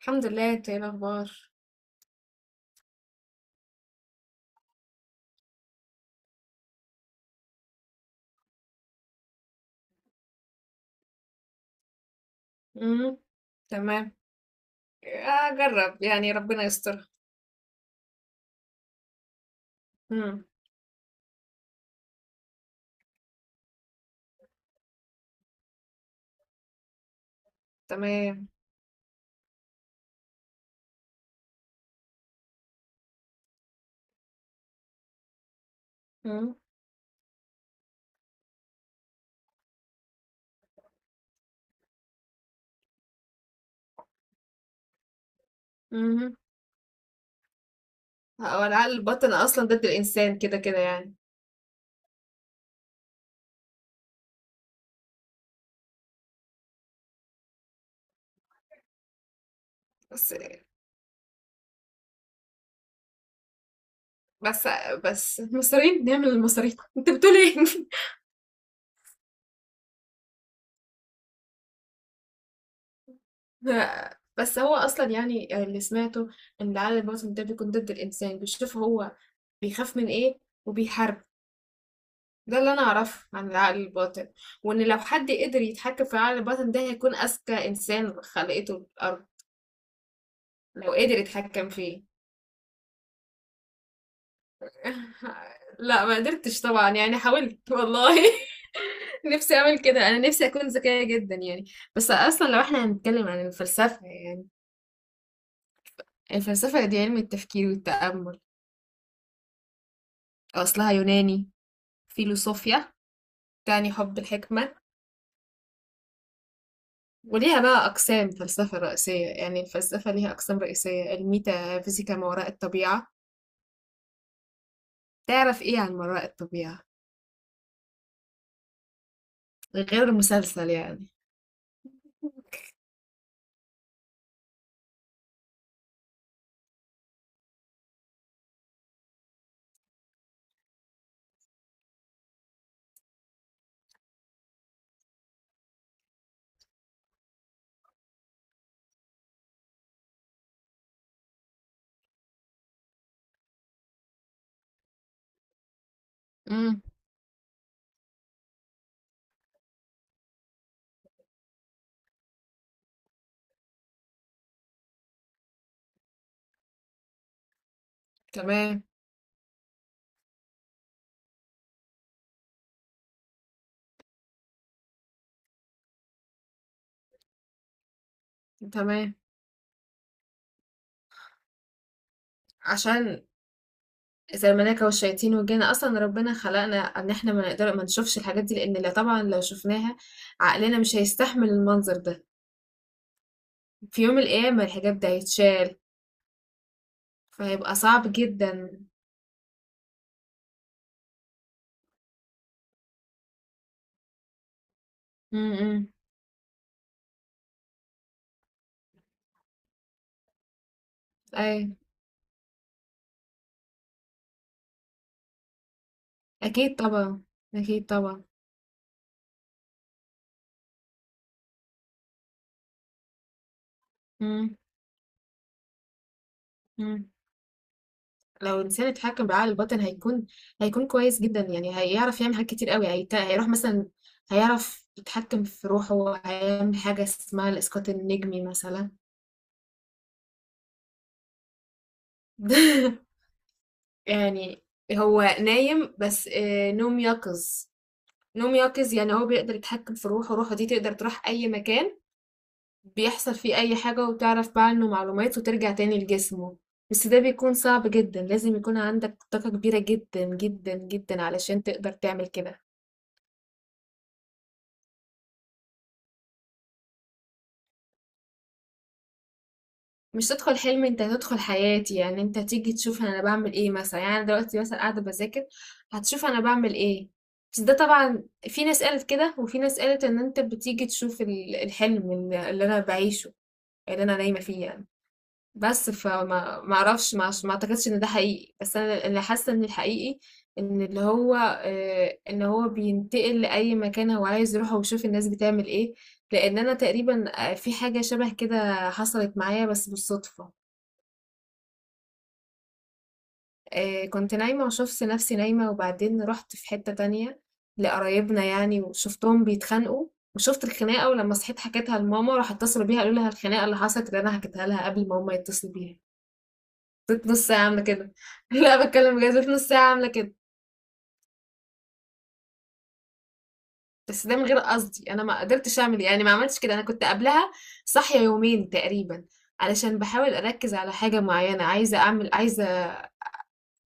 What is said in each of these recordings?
الحمد لله، انت ايه الاخبار؟ امم تمام. اجرب يعني، ربنا يستر. امم تمام امم امم هو العقل الباطن اصلا ضد الانسان كده كده يعني. بس بس بس المصريين نعمل المصريين انت بتقول ايه؟ بس هو اصلا يعني اللي سمعته ان العقل الباطن ده بيكون ضد الانسان، بيشوف هو بيخاف من ايه وبيحارب. ده اللي انا اعرفه عن العقل الباطن، وان لو حد قدر يتحكم في العقل الباطن ده هيكون اذكى انسان خلقته الارض. لو قدر يتحكم فيه. لا ما قدرتش طبعا، يعني حاولت والله. نفسي اعمل كده، انا نفسي اكون ذكية جدا يعني. بس اصلا لو احنا هنتكلم عن الفلسفة يعني، الفلسفة دي علم التفكير والتأمل. اصلها يوناني، فيلوصوفيا، تعني حب الحكمة. وليها بقى أقسام فلسفة رئيسية، يعني الفلسفة ليها أقسام رئيسية: الميتافيزيكا، ما وراء الطبيعة. تعرف ايه عن مرائي الطبيعة غير المسلسل يعني؟ امم تمام. تمام. عشان زي الملائكة والشياطين والجن، اصلا ربنا خلقنا ان احنا ما نقدر ما نشوفش الحاجات دي، لان لا طبعا لو شفناها عقلنا مش هيستحمل المنظر ده. في يوم القيامة الحجاب ده هيتشال، فهيبقى صعب جدا. امم اي. اكيد طبعا. اكيد طبعا. امم لو الانسان اتحكم بعقل الباطن هيكون، هيكون كويس جدا يعني. هيعرف يعمل حاجات كتير قوي، هيروح مثلا، هيعرف يتحكم في روحه، هيعمل حاجة اسمها الإسقاط النجمي مثلا. يعني هو نايم بس آه، نوم يقظ. نوم يقظ يعني هو بيقدر يتحكم في روحه، روحه دي تقدر تروح أي مكان، بيحصل فيه أي حاجة وتعرف بقى عنه معلومات وترجع تاني لجسمه. بس ده بيكون صعب جدا، لازم يكون عندك طاقة كبيرة جدا جدا جدا علشان تقدر تعمل كده. مش تدخل حلم، انت تدخل حياتي، يعني انت تيجي تشوف انا بعمل ايه مثلا. يعني انا دلوقتي مثلا قاعده بذاكر، هتشوف انا بعمل ايه. بس ده طبعا، في ناس قالت كده وفي ناس قالت ان انت بتيجي تشوف الحلم اللي انا بعيشه، اللي انا نايمه فيه يعني. بس فما ما اعرفش ما ما اعتقدش ان ده حقيقي. بس انا اللي حاسه ان الحقيقي ان اللي هو آه، ان هو بينتقل لاي مكان هو عايز يروحه ويشوف الناس بتعمل ايه. لان انا تقريبا آه، في حاجه شبه كده حصلت معايا بس بالصدفه. آه، كنت نايمة وشفت نفسي نايمة وبعدين رحت في حتة تانية، لقرايبنا يعني، وشفتهم بيتخانقوا. وشفت الخناقة ولما صحيت حكيتها لماما، راح اتصلوا بيها قالوا لها الخناقة اللي حصلت اللي أنا حكيتها لها قبل ما هما يتصلوا بيها. فضلت نص ساعة عاملة كده. لا بتكلم بجد، فضلت نص ساعة عاملة كده. بس ده من غير قصدي، أنا ما قدرتش أعمل إيه. يعني ما عملتش كده، أنا كنت قبلها صاحية يومين تقريبا، علشان بحاول أركز على حاجة معينة، عايزة أعمل، عايزة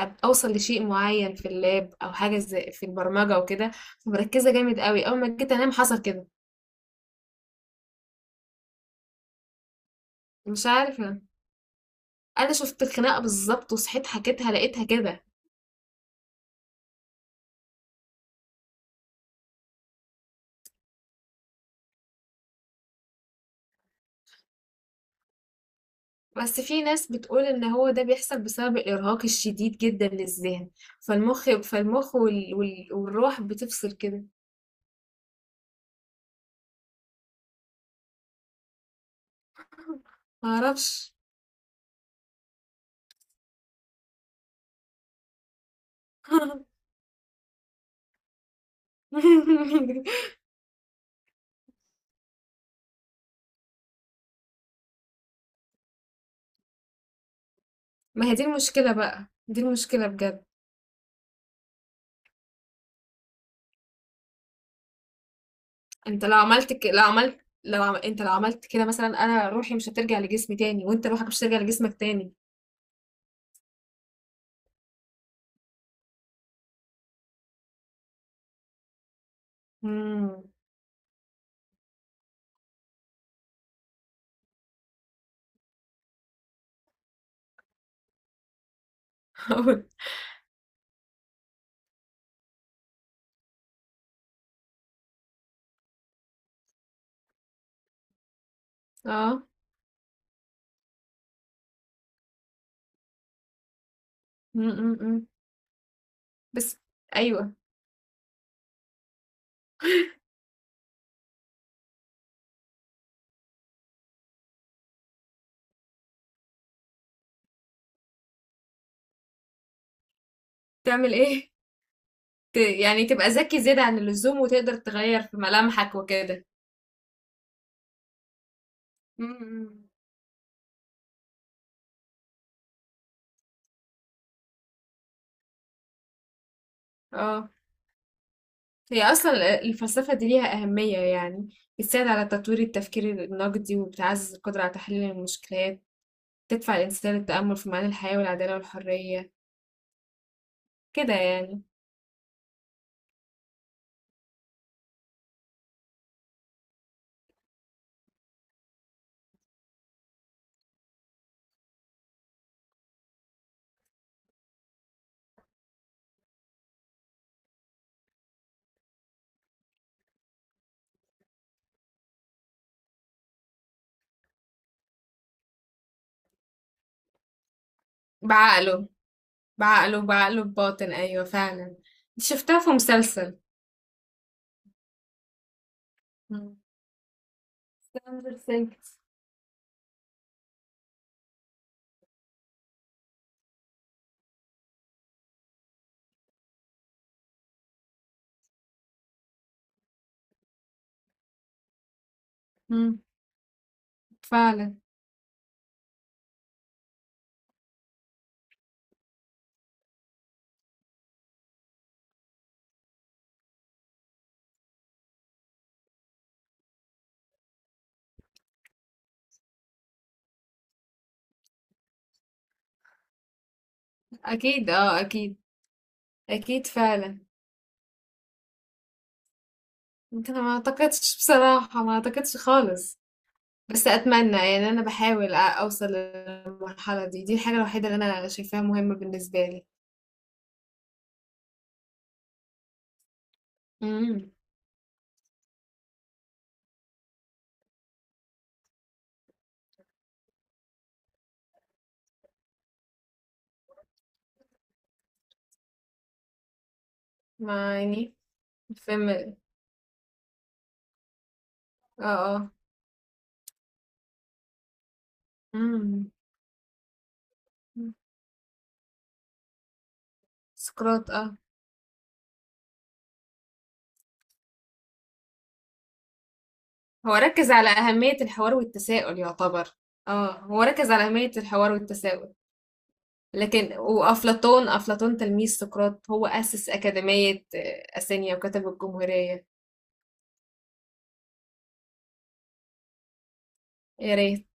اوصل لشيء معين في اللاب او حاجه زي في البرمجه وكده. مركزه جامد قوي، اول ما جيت انام حصل كده. مش عارفه. انا شفت الخناقه بالظبط وصحيت حكيتها لقيتها كده. بس في ناس بتقول ان هو ده بيحصل بسبب الارهاق الشديد جدا للذهن، فالمخ والروح بتفصل كده. معرفش. ما هي دي المشكله بقى، دي المشكله بجد. انت لو عملت ك... لو عملت لو عم... انت لو عملت كده مثلا، انا روحي مش هترجع لجسمي تاني، وانت روحك مش هترجع لجسمك تاني. امم اه. امم بس ايوه. تعمل ايه؟ يعني تبقى ذكي زيادة عن اللزوم وتقدر تغير في ملامحك وكده. امم اه. هي اصلا الفلسفة دي ليها أهمية يعني، بتساعد على تطوير التفكير النقدي وبتعزز القدرة على تحليل المشكلات، تدفع الإنسان للتأمل في معاني الحياة والعدالة والحرية كده يعني. بعقله بعقله بعقله بباطن، أيوة فعلا. دي شفتها في مسلسل ستراندر ثينكس. فعلا. أكيد، اه أكيد. أكيد فعلا. ممكن. أنا ما أعتقدش بصراحة، ما أعتقدش خالص، بس أتمنى يعني. أنا بحاول أوصل للمرحلة دي، دي الحاجة الوحيدة اللي أنا شايفاها مهمة بالنسبة لي. امم ما يعني الفيلم. اه اه. امم سقراط، اه، هو ركز على أهمية الحوار والتساؤل، يعتبر. اه هو ركز على أهمية الحوار والتساؤل. لكن وأفلاطون، أفلاطون تلميذ سقراط، هو أسس أكاديمية آه، أثينا وكتب الجمهورية. يا ريت.